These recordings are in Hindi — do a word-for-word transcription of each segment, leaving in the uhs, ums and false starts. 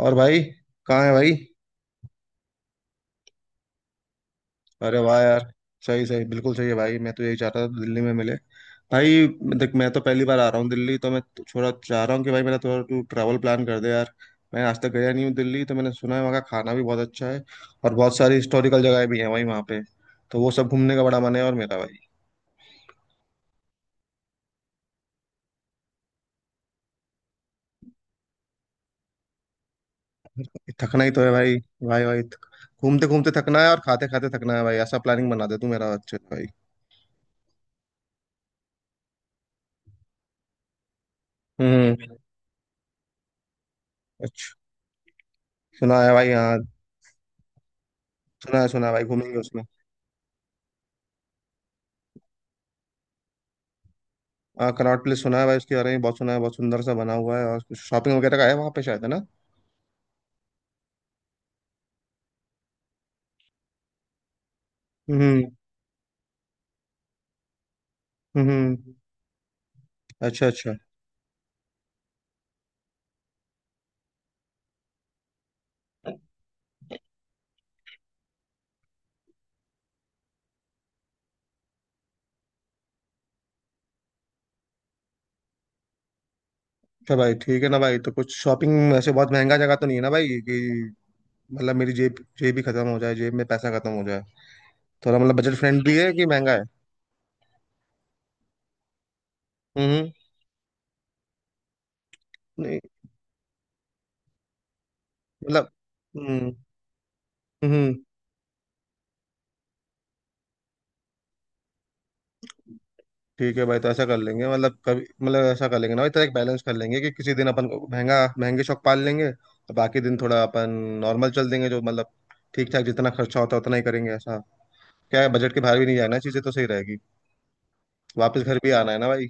और भाई कहाँ है भाई। अरे वाह यार। सही सही बिल्कुल सही है भाई, मैं तो यही चाहता था दिल्ली में मिले भाई। देख, मैं तो पहली बार आ रहा हूँ दिल्ली, तो मैं तो थोड़ा चाह रहा हूँ कि भाई मेरा थोड़ा तू ट्रैवल प्लान कर दे यार। मैं आज तक गया नहीं हूँ दिल्ली, तो मैंने सुना है वहाँ का खाना भी बहुत अच्छा है। और बहुत सारी हिस्टोरिकल जगह भी है वहीं वहाँ पे। तो वो सब घूमने का बड़ा मन है और मेरा भाई। थकना ही तो है भाई। भाई भाई, घूमते घूमते थकना है और खाते खाते थकना है भाई, ऐसा प्लानिंग बना दे तू मेरा अच्छे से भाई। हम्म। अच्छा। सुना है भाई, हाँ। सुना है सुना है भाई, घूमेंगे उसमें। हाँ, कनॉट प्लेस सुना है भाई, उसके बारे में बहुत सुना है, बहुत सुंदर सा बना हुआ है और कुछ शॉपिंग वगैरह का है वहाँ पे शायद, है ना। हम्म। हम्म। अच्छा अच्छा। अच्छा भाई, ठीक है ना भाई, तो कुछ शॉपिंग ऐसे बहुत महंगा जगह तो नहीं है ना भाई कि मतलब मेरी जेब जेब ही खत्म हो जाए, जेब में पैसा खत्म हो जाए। थोड़ा मतलब बजट फ्रेंडली है कि महंगा है। हम्म। नहीं मतलब। हम्म। हम्म। ठीक है भाई, तो ऐसा कर लेंगे मतलब कभी मतलब ऐसा कर लेंगे ना भाई, तो एक बैलेंस कर लेंगे कि किसी दिन अपन को महंगा महंगे शौक पाल लेंगे और बाकी दिन थोड़ा अपन नॉर्मल चल देंगे, जो मतलब ठीक ठाक जितना खर्चा होता है उतना ही करेंगे ऐसा। क्या है, बजट के बाहर भी नहीं जाना, चीजें तो सही रहेगी। वापस घर भी आना है ना भाई।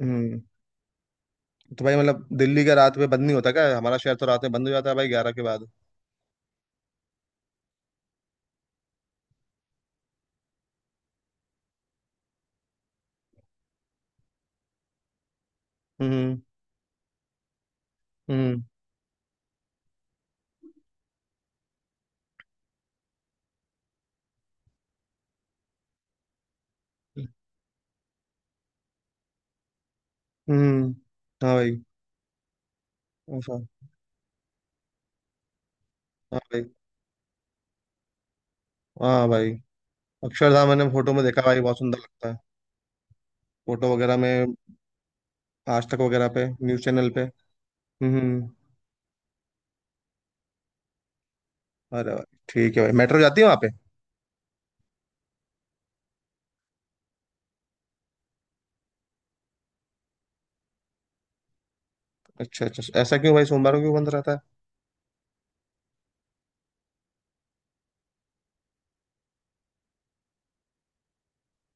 हम्म। तो भाई मतलब दिल्ली का रात में बंद नहीं होता क्या, हमारा शहर तो रात में बंद हो जाता है भाई ग्यारह के बाद। हम्म। हम्म। हम्म। हाँ भाई। ऐसा। हाँ भाई। हाँ भाई। अक्षरधाम मैंने फोटो में देखा भाई, बहुत सुंदर लगता है। फोटो वगैरह में। आज तक वगैरह पे, न्यूज चैनल पे। हम्म। अरे भाई, ठीक है भाई, मेट्रो जाती है वहाँ पे। अच्छा अच्छा अच्छा। ऐसा क्यों भाई, सोमवार को क्यों बंद रहता है।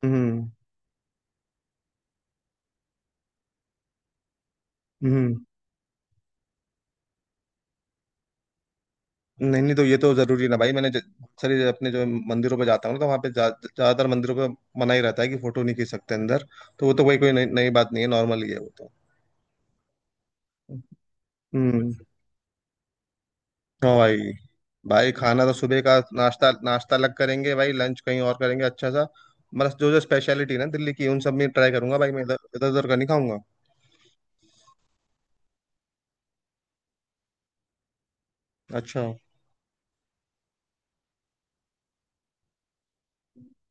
हम्म। हम्म। नहीं नहीं, तो ये तो जरूरी है ना भाई, मैंने ज- बहुत सारी अपने जो मंदिरों पे जाता हूँ ना, तो वहाँ पे जा- ज्यादातर मंदिरों पे मना ही रहता है कि फोटो नहीं खींच सकते अंदर। तो वो तो कोई कोई नई नई बात नहीं है, नॉर्मल ही है वो तो। हम्म। हाँ भाई। भाई खाना तो सुबह का नाश्ता, नाश्ता अलग करेंगे भाई, लंच कहीं और करेंगे अच्छा सा। मतलब जो जो स्पेशलिटी ना दिल्ली की, उन सब में ट्राई करूंगा भाई, मैं इधर इधर उधर का नहीं खाऊंगा। अच्छा।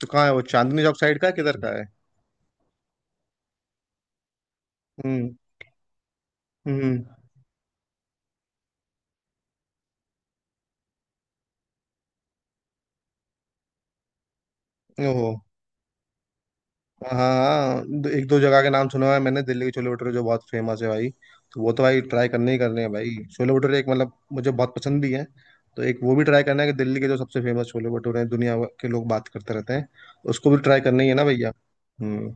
तो कहाँ है वो, चांदनी चौक साइड का है, किधर का है। हम्म। हम्म। ओहो। हाँ, दो- एक दो जगह के नाम सुना हुआ है मैंने, दिल्ली के छोले भटूरे जो बहुत फेमस है भाई। तो वो तो भाई ट्राई करने ही करने हैं भाई, छोले भटूरे एक मतलब मुझे बहुत पसंद भी है। तो एक वो भी ट्राई करना है कि दिल्ली के जो सबसे फेमस छोले भटूरे हैं, दुनिया भर के लोग बात करते रहते हैं, उसको भी ट्राई करना ही है ना भैया। हम्म।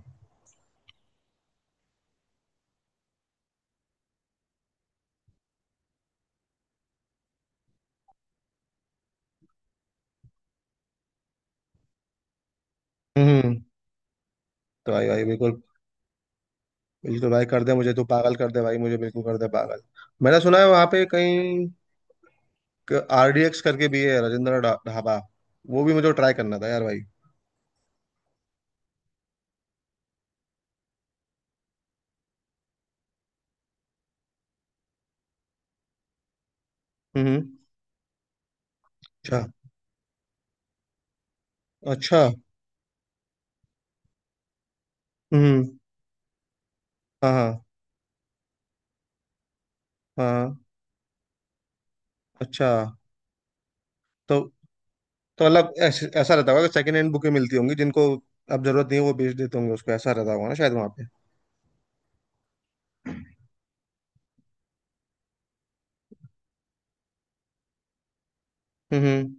हम्म। हम्म। तो भाई भाई बिल्कुल बिल्कुल भाई, कर दे, मुझे तो पागल कर दे भाई, मुझे बिल्कुल कर दे पागल। मैंने सुना है वहाँ पे कहीं आर डी एक्स करके भी है, राजेंद्र ढा- ढाबा, वो भी मुझे ट्राई करना था यार भाई। हम्म। अच्छा अच्छा। हम्म। हाँ हाँ हाँ। अच्छा। तो तो मतलब ऐस, ऐसा रहता होगा कि सेकंड हैंड बुकें मिलती होंगी जिनको अब जरूरत नहीं है, वो बेच देते होंगे उसको, ऐसा रहता होगा ना शायद वहाँ पे। हम्म।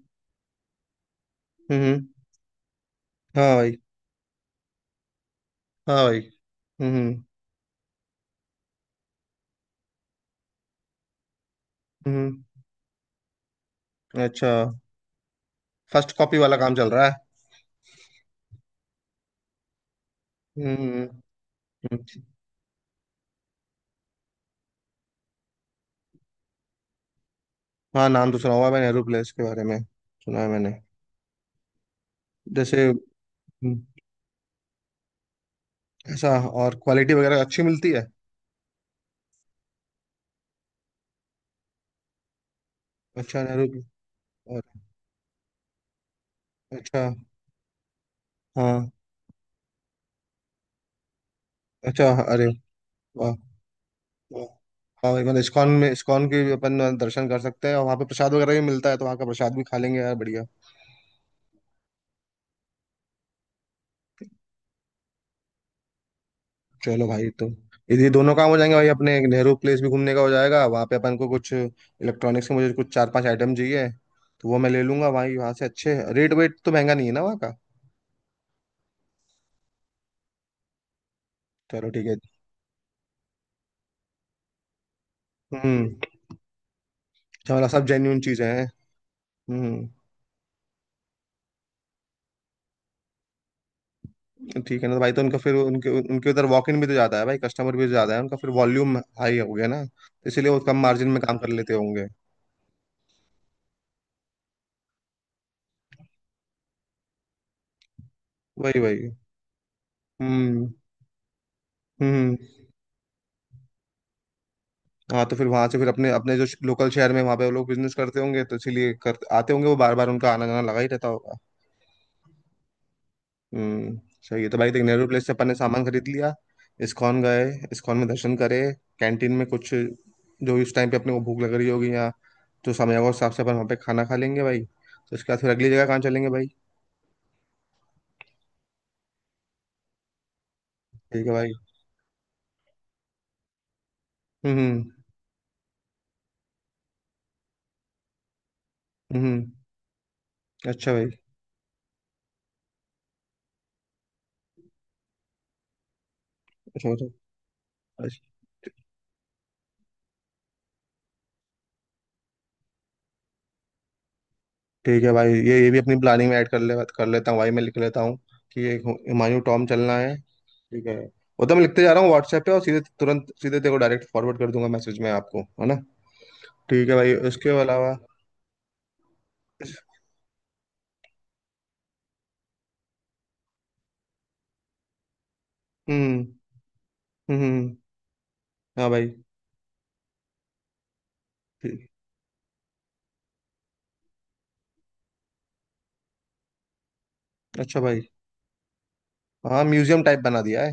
हम्म। हाँ भाई। हाँ भाई। हम्म। हम्म। हम्म। अच्छा। फर्स्ट कॉपी वाला काम चल रहा है। हम्म। हम्म। हाँ, नाम तो सुना हुआ है मैंने एरोप्लेस के बारे में, सुना है मैंने। जैसे। हम्म, ऐसा। और क्वालिटी वगैरह अच्छी मिलती है। अच्छा नेहरू। और अच्छा। हाँ। अच्छा हाँ, अरे वाह। वाह। हाँ भाई, मतलब इस्कॉन में इस्कॉन के भी अपन दर्शन कर सकते हैं और वहाँ पे प्रसाद वगैरह भी मिलता है, तो वहाँ का प्रसाद भी खा लेंगे यार बढ़िया। चलो भाई, तो यदि दोनों काम हो जाएंगे भाई अपने, एक नेहरू प्लेस भी घूमने का हो जाएगा, वहाँ पे अपन को कुछ इलेक्ट्रॉनिक्स के, मुझे कुछ चार पांच आइटम चाहिए, तो वो मैं ले लूंगा भाई वहाँ से। अच्छे रेट वेट, तो महंगा नहीं है ना वहाँ का। चलो ठीक है। हम्म। अच्छा, मतलब सब जेन्यून चीजें हैं। हम्म। ठीक है ना, तो भाई तो उनका फिर उनके उनके उधर वॉक इन भी तो ज्यादा है भाई, कस्टमर भी तो ज्यादा है उनका, फिर वॉल्यूम हाई हो गया ना, तो इसीलिए वो कम मार्जिन में काम कर लेते होंगे। वही वही। हम्म। हम्म। हम्म। हाँ, तो फिर वहां से फिर अपने अपने जो लोकल शहर में वहां पे वो लोग बिजनेस करते होंगे, तो इसीलिए कर आते होंगे वो बार बार, उनका आना जाना लगा ही रहता होगा। हम्म। सही है। तो भाई देख, नेहरू प्लेस से अपन ने सामान खरीद लिया, इस्कॉन गए, इस्कॉन में दर्शन करे, कैंटीन में कुछ जो इस टाइम पे अपने को भूख लग रही होगी या जो समय होगा उस हिसाब से अपन वहाँ पे खाना खा लेंगे भाई, तो उसके बाद फिर अगली जगह कहाँ चलेंगे भाई। ठीक है भाई। हम्म। हम्म। अच्छा भाई। अच्छा बताओ। अच्छा, ठीक है भाई, ये ये भी अपनी प्लानिंग में ऐड कर ले, कर लेता हूँ भाई, मैं लिख लेता हूँ कि एक हुमायूं टॉम चलना है। ठीक है। वो तो मैं लिखते जा रहा हूँ व्हाट्सएप पे, और सीधे तुरंत सीधे तेरे को डायरेक्ट फॉरवर्ड कर दूंगा मैसेज में आपको, है ना। ठीक है भाई, उसके अलावा। हम्म। हम्म। हाँ भाई। ठीक। अच्छा भाई। हाँ, म्यूजियम टाइप बना दिया है।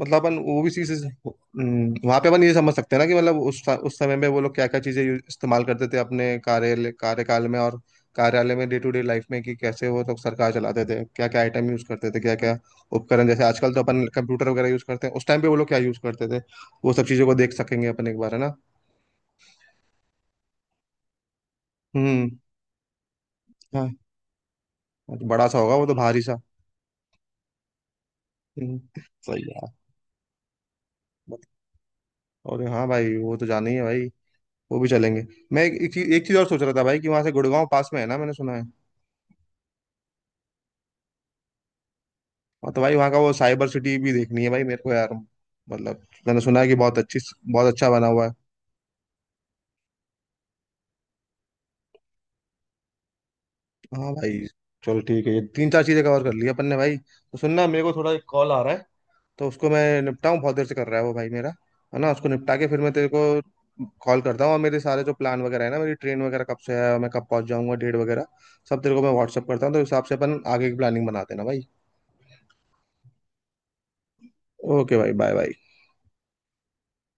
मतलब अपन ओ बी सी से वहां पे अपन ये समझ सकते हैं ना कि मतलब उस उस समय में वो लोग क्या क्या चीजें यूज- इस्तेमाल करते थे अपने कार्यालय, कार्यकाल में, और कार्यालय में डे टू डे लाइफ में, कि कैसे वो लोग सरकार चलाते थे, क्या क्या आइटम यूज करते थे, क्या क्या उपकरण, जैसे आजकल तो अपन कंप्यूटर वगैरह यूज करते हैं, उस टाइम पे वो लोग क्या यूज करते थे, वो सब चीजों को देख सकेंगे अपन एक बार, है ना। हम्म। हाँ, बड़ा सा होगा वो तो, भारी सा। हम्म, सही है यार। और हाँ भाई, वो तो जाना ही है भाई, वो भी चलेंगे। मैं एक, एक चीज एक चीज और सोच रहा था भाई, कि वहां से गुड़गांव पास में है ना, मैंने सुना है। हाँ, तो भाई वहाँ का वो साइबर सिटी भी देखनी है भाई मेरे को यार, मतलब मैंने सुना है कि बहुत अच्छी, बहुत अच्छा बना हुआ है। हाँ भाई। चलो ठीक है, ये तीन चार चीजें कवर कर ली अपन ने भाई, तो सुनना मेरे को थोड़ा एक कॉल आ रहा है, तो उसको मैं निपटाऊँ, बहुत देर से कर रहा है वो भाई मेरा, है ना, उसको निपटा के फिर मैं तेरे को कॉल करता हूँ, और मेरे सारे जो प्लान वगैरह है ना, मेरी ट्रेन वगैरह कब से है और मैं कब पहुंच जाऊंगा, डेट वगैरह सब तेरे को मैं व्हाट्सअप करता हूँ, तो उस हिसाब से अपन आगे की प्लानिंग बना देना भाई। ओके भाई, बाय बाय।